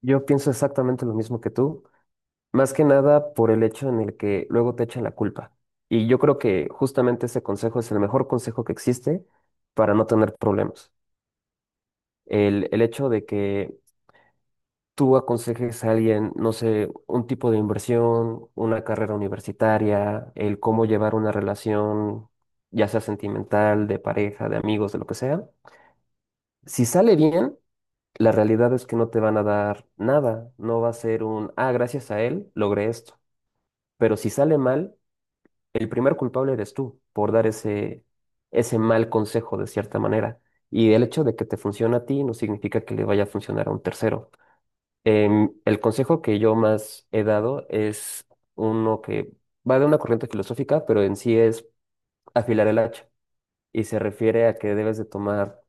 Yo pienso exactamente lo mismo que tú, más que nada por el hecho en el que luego te echan la culpa. Y yo creo que justamente ese consejo es el mejor consejo que existe para no tener problemas. El hecho de que tú aconsejes a alguien, no sé, un tipo de inversión, una carrera universitaria, el cómo llevar una relación, ya sea sentimental, de pareja, de amigos, de lo que sea. Si sale bien, la realidad es que no te van a dar nada. No va a ser un, ah, gracias a él logré esto. Pero si sale mal, el primer culpable eres tú por dar ese mal consejo de cierta manera. Y el hecho de que te funcione a ti no significa que le vaya a funcionar a un tercero. El consejo que yo más he dado es uno que va de una corriente filosófica, pero en sí es afilar el hacha. Y se refiere a que debes de tomar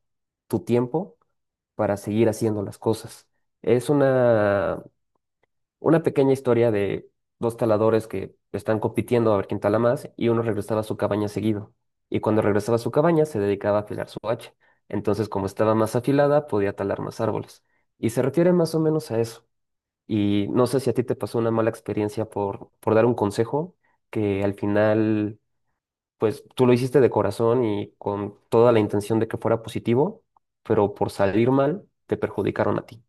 tu tiempo para seguir haciendo las cosas. Es una pequeña historia de dos taladores que están compitiendo a ver quién tala más, y uno regresaba a su cabaña seguido. Y cuando regresaba a su cabaña se dedicaba a afilar su hacha. Entonces, como estaba más afilada, podía talar más árboles. Y se refiere más o menos a eso. Y no sé si a ti te pasó una mala experiencia por dar un consejo que al final, pues tú lo hiciste de corazón y con toda la intención de que fuera positivo, pero por salir mal, te perjudicaron a ti.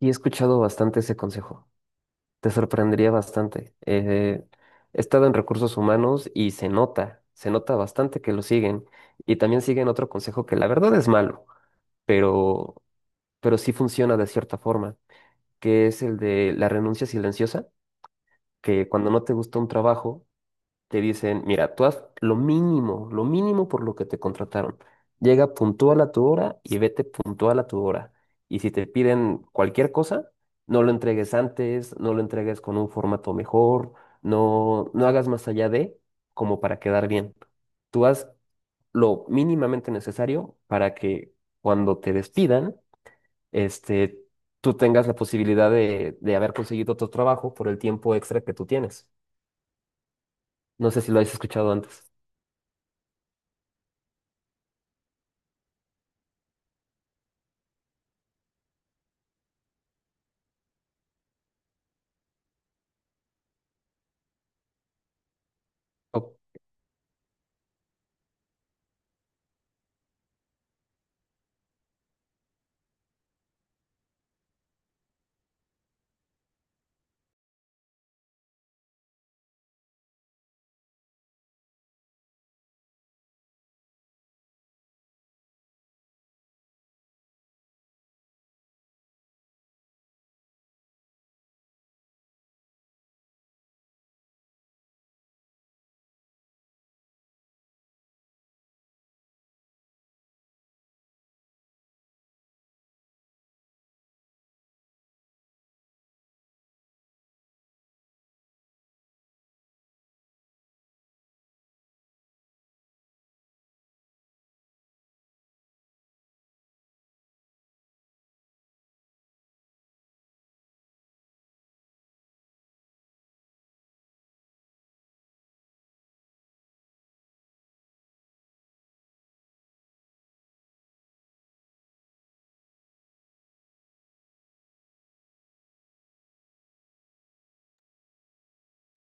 Y he escuchado bastante ese consejo. Te sorprendería bastante. He estado en recursos humanos y se nota bastante que lo siguen. Y también siguen otro consejo que la verdad es malo, pero, pero sí funciona de cierta forma, que es el de la renuncia silenciosa, que cuando no te gusta un trabajo, te dicen, mira, tú haz lo mínimo por lo que te contrataron. Llega puntual a tu hora y vete puntual a tu hora. Y si te piden cualquier cosa, no lo entregues antes, no lo entregues con un formato mejor, no, no hagas más allá de como para quedar bien. Tú haz lo mínimamente necesario para que cuando te despidan, este, tú tengas la posibilidad de haber conseguido otro trabajo por el tiempo extra que tú tienes. No sé si lo has escuchado antes.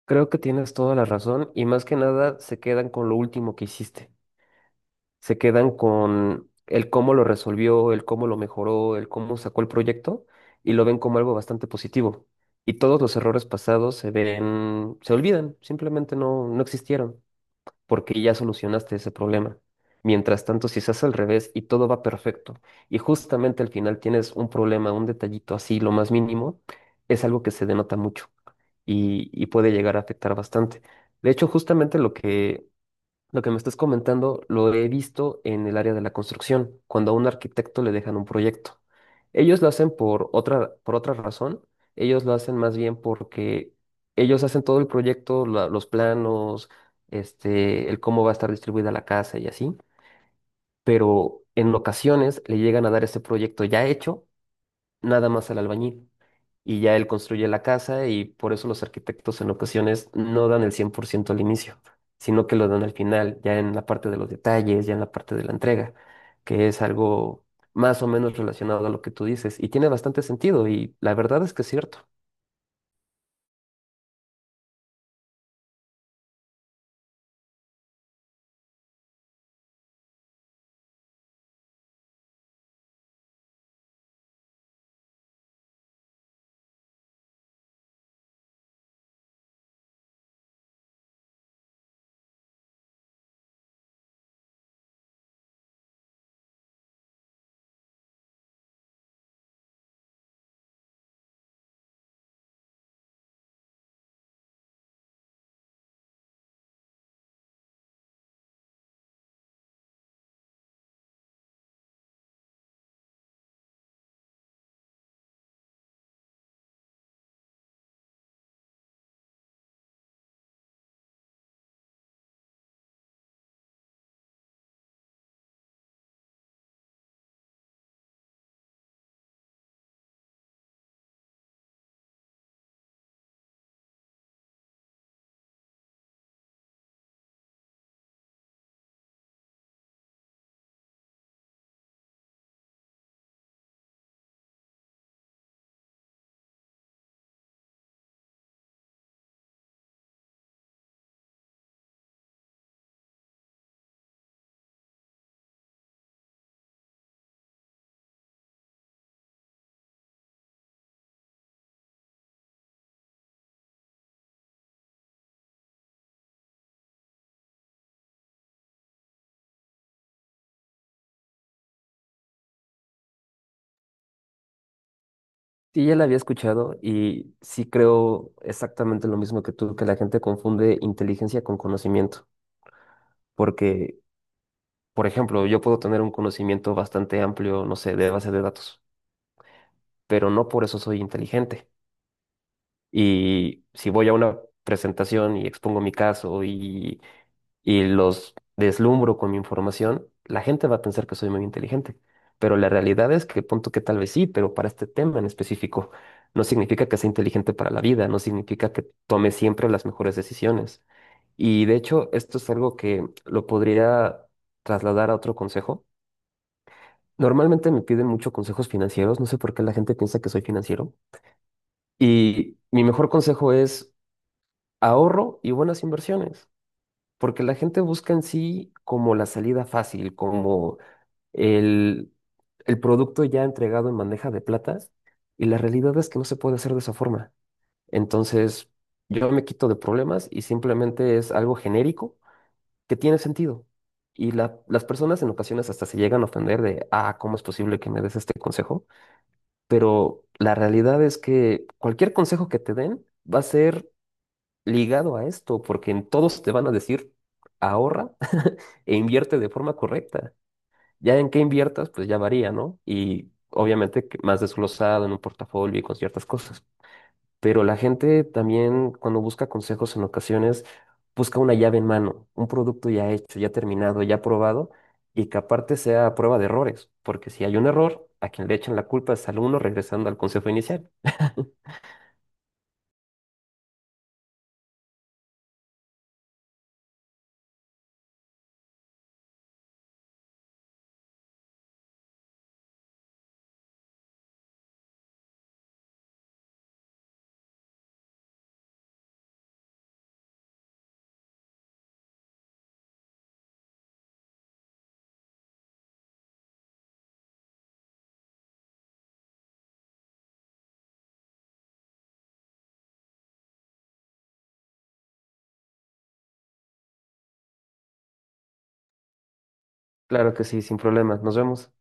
Creo que tienes toda la razón, y más que nada se quedan con lo último que hiciste. Se quedan con el cómo lo resolvió, el cómo lo mejoró, el cómo sacó el proyecto, y lo ven como algo bastante positivo. Y todos los errores pasados se ven, se olvidan, simplemente no, no existieron porque ya solucionaste ese problema. Mientras tanto, si se hace al revés y todo va perfecto y justamente al final tienes un problema, un detallito así, lo más mínimo, es algo que se denota mucho y puede llegar a afectar bastante. De hecho, justamente lo que me estás comentando lo he visto en el área de la construcción, cuando a un arquitecto le dejan un proyecto. Ellos lo hacen por otra razón, ellos lo hacen más bien porque ellos hacen todo el proyecto, la- los planos, este, el cómo va a estar distribuida la casa y así, pero en ocasiones le llegan a dar ese proyecto ya hecho, nada más al albañil, y ya él construye la casa, y por eso los arquitectos en ocasiones no dan el 100% al inicio, sino que lo dan al final, ya en la parte de los detalles, ya en la parte de la entrega, que es algo más o menos relacionado a lo que tú dices y tiene bastante sentido, y la verdad es que es cierto. Sí, ya la había escuchado y sí creo exactamente lo mismo que tú, que la gente confunde inteligencia con conocimiento, porque, por ejemplo, yo puedo tener un conocimiento bastante amplio, no sé, de base de datos, pero no por eso soy inteligente. Y si voy a una presentación y expongo mi caso y los deslumbro con mi información, la gente va a pensar que soy muy inteligente. Pero la realidad es que punto que tal vez sí, pero para este tema en específico, no significa que sea inteligente para la vida, no significa que tome siempre las mejores decisiones. Y de hecho, esto es algo que lo podría trasladar a otro consejo. Normalmente me piden mucho consejos financieros, no sé por qué la gente piensa que soy financiero. Y mi mejor consejo es ahorro y buenas inversiones, porque la gente busca en sí como la salida fácil, como el, el producto ya entregado en bandeja de plata, y la realidad es que no se puede hacer de esa forma. Entonces, yo me quito de problemas y simplemente es algo genérico que tiene sentido. Y las personas en ocasiones hasta se llegan a ofender de, ah, ¿cómo es posible que me des este consejo? Pero la realidad es que cualquier consejo que te den va a ser ligado a esto, porque en todos te van a decir ahorra e invierte de forma correcta. Ya en qué inviertas, pues ya varía, ¿no? Y obviamente que más desglosado en un portafolio y con ciertas cosas. Pero la gente también cuando busca consejos en ocasiones busca una llave en mano, un producto ya hecho, ya terminado, ya probado, y que aparte sea a prueba de errores, porque si hay un error, a quien le echan la culpa es al uno, regresando al consejo inicial. Claro que sí, sin problemas. Nos vemos.